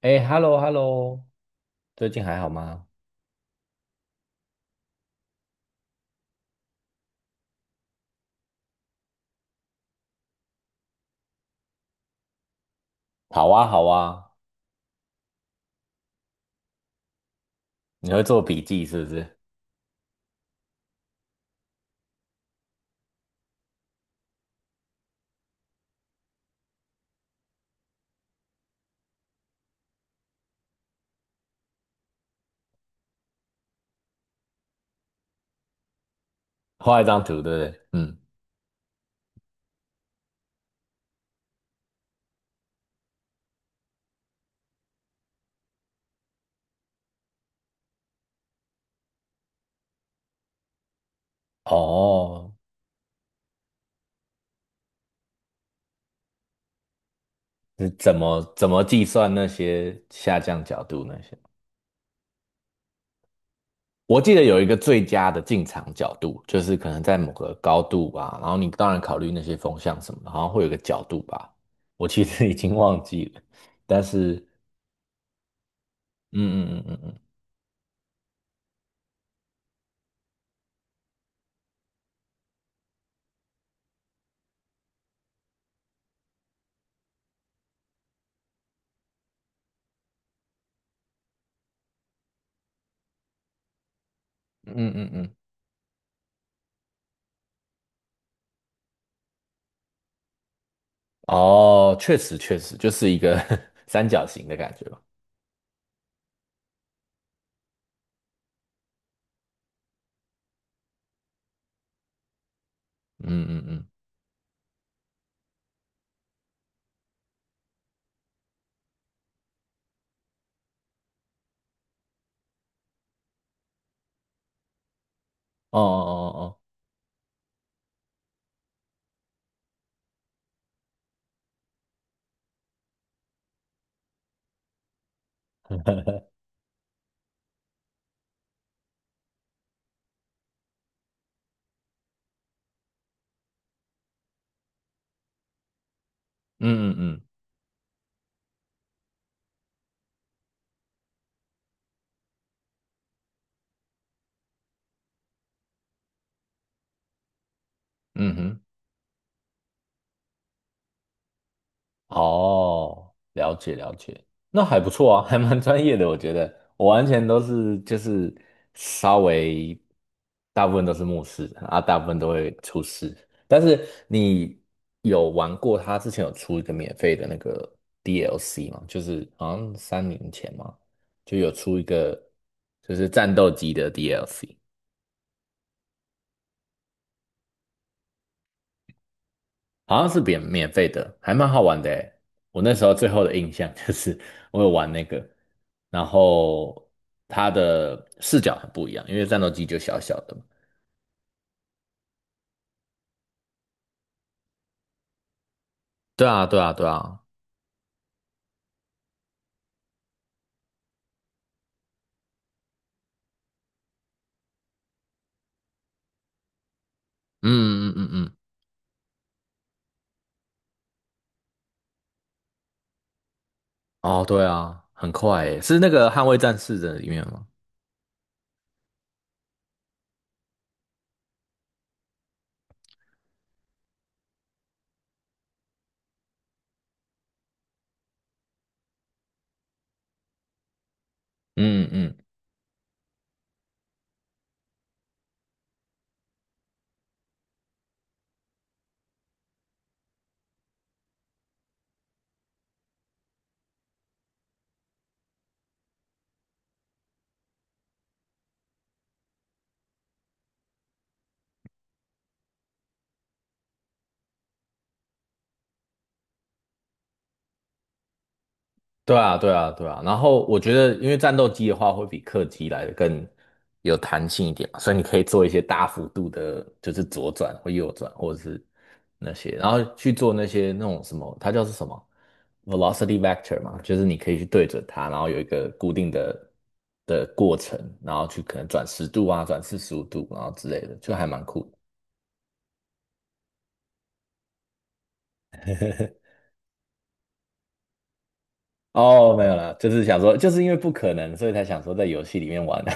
哎，hello hello，最近还好吗？好啊，好啊，你会做笔记是不是？画一张图，对不对？嗯，哦，是怎么计算那些下降角度那些？我记得有一个最佳的进场角度，就是可能在某个高度吧，然后你当然考虑那些风向什么的，好像会有个角度吧。我其实 已经忘记了，但是，嗯嗯嗯嗯嗯嗯嗯嗯，哦，确实确实就是一个 三角形的感觉吧。嗯嗯嗯。哦哦哦哦，嗯嗯嗯嗯哼，哦，了解了解，那还不错啊，还蛮专业的，我觉得我完全都是就是稍微大部分都是牧师啊，大部分都会出师。但是你有玩过他之前有出一个免费的那个 DLC 吗？就是好像3年前嘛，就有出一个就是战斗机的 DLC。好像是免费的，还蛮好玩的诶。我那时候最后的印象 就是我有玩那个，然后它的视角很不一样，因为战斗机就小小的嘛。对啊，对啊，对啊，嗯嗯嗯嗯，哦，对啊，很快诶，是那个《捍卫战士》的里面吗？嗯嗯对啊，对啊，对啊。然后我觉得，因为战斗机的话会比客机来的更有弹性一点嘛所以你可以做一些大幅度的，就是左转或右转，或者是那些，然后去做那些那种什么，它叫是什么 velocity vector 嘛，就是你可以去对准它，然后有一个固定的过程，然后去可能转10度啊，转45度，然后之类的，就还蛮酷的。哦，没有啦，就是想说，就是因为不可能，所以才想说在游戏里面玩啊。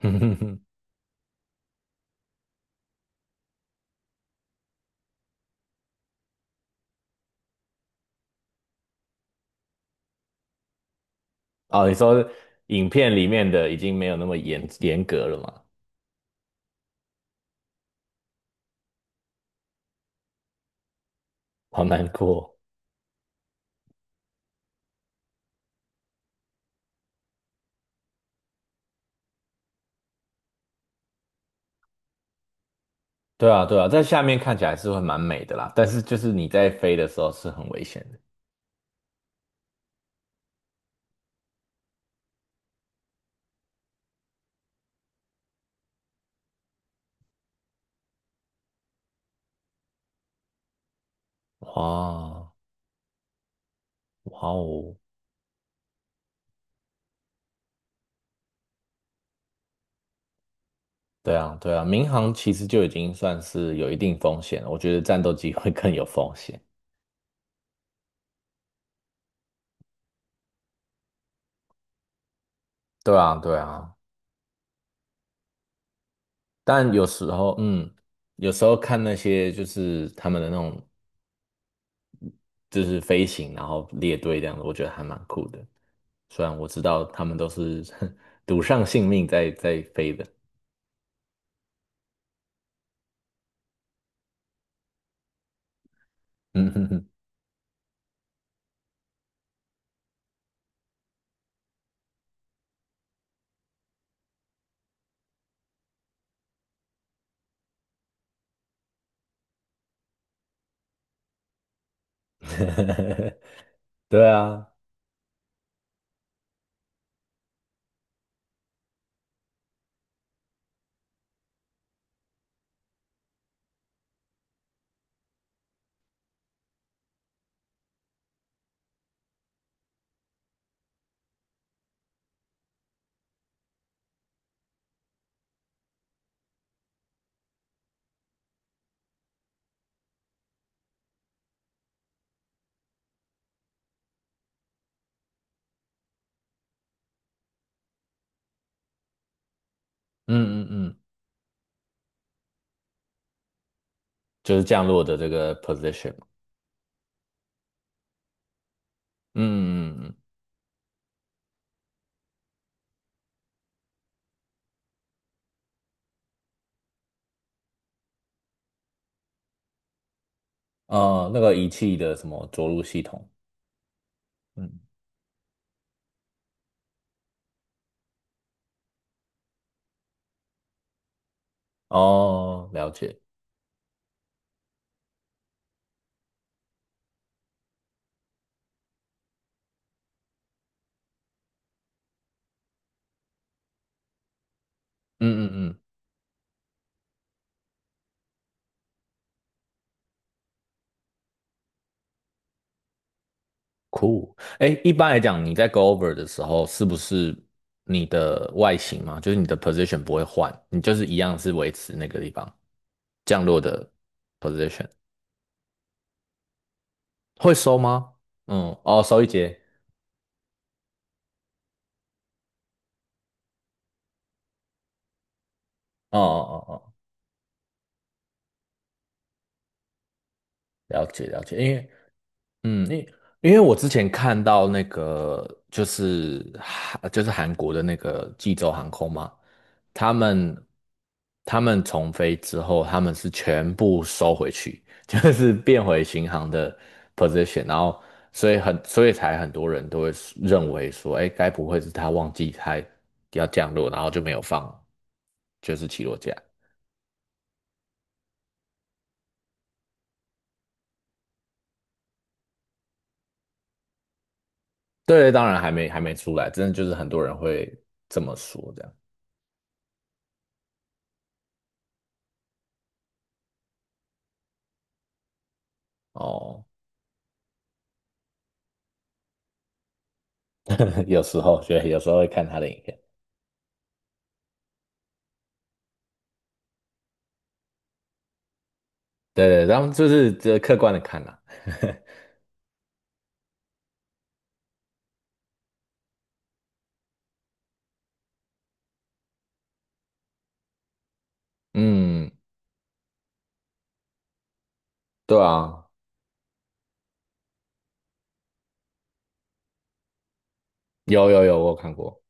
哦，你说影片里面的已经没有那么严格了嘛？好难过。对啊，对啊，在下面看起来是会蛮美的啦，但是就是你在飞的时候是很危险的。哇，哇哦，对啊，对啊，民航其实就已经算是有一定风险了，我觉得战斗机会更有风险。对啊，对啊，但有时候，嗯，有时候看那些就是他们的那种就是飞行，然后列队这样子，我觉得还蛮酷的。虽然我知道他们都是 赌上性命在飞的，嗯哼哼，对啊，嗯嗯嗯，就是降落的这个 position，嗯嗯嗯，嗯哦，那个仪器的什么着陆系统，嗯，哦，了解，嗯嗯嗯。酷，哎，一般来讲，你在 go over 的时候，是不是你的外形嘛，就是你的 position 不会换，你就是一样是维持那个地方降落的 position，会收吗？嗯，哦，收1节，哦哦哦哦，了解了解，因为嗯，因为我之前看到那个就是韩国的那个济州航空嘛，他们他们重飞之后，他们是全部收回去，就是变回新航的 position，然后所以才很多人都会认为说，哎，该不会是他忘记他要降落，然后就没有放就是起落架？对，当然还没出来，真的就是很多人会这么说这样。哦，有时候会看他的影片，对对，然后就是这客观的看啦、嗯，对啊，有有有，我有看过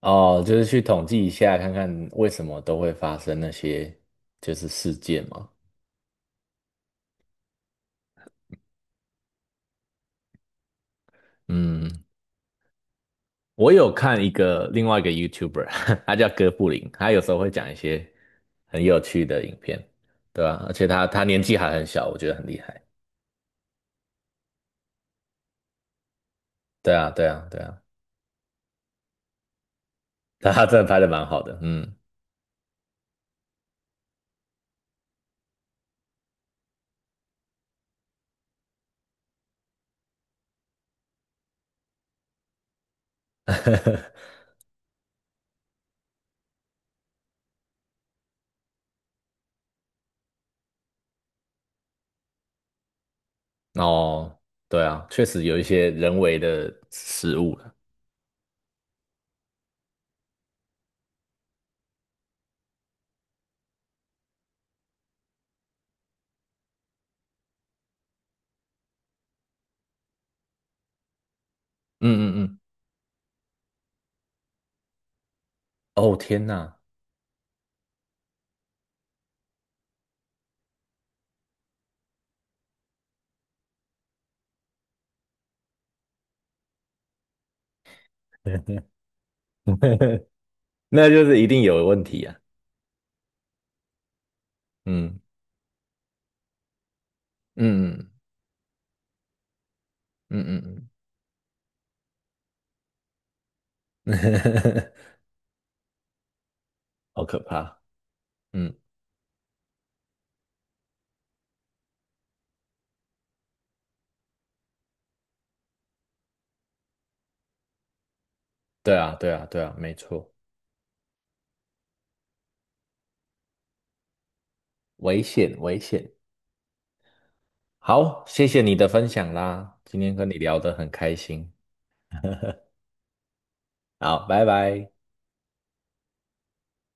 哦，就是去统计一下，看看为什么都会发生那些就是事件嘛。嗯，我有看一个另外一个 YouTuber，他叫哥布林，他有时候会讲一些很有趣的影片，对啊，而且他年纪还很小，我觉得很厉害。对啊，对啊，对啊，他真的拍的蛮好的，嗯。哦，对啊，确实有一些人为的失误了。嗯嗯嗯，哦天哪，那就是一定有问题啊。嗯嗯嗯嗯嗯，嗯 好可怕。嗯，对啊对啊对啊，没错，危险危险。好，谢谢你的分享啦，今天跟你聊得很开心。好，拜拜。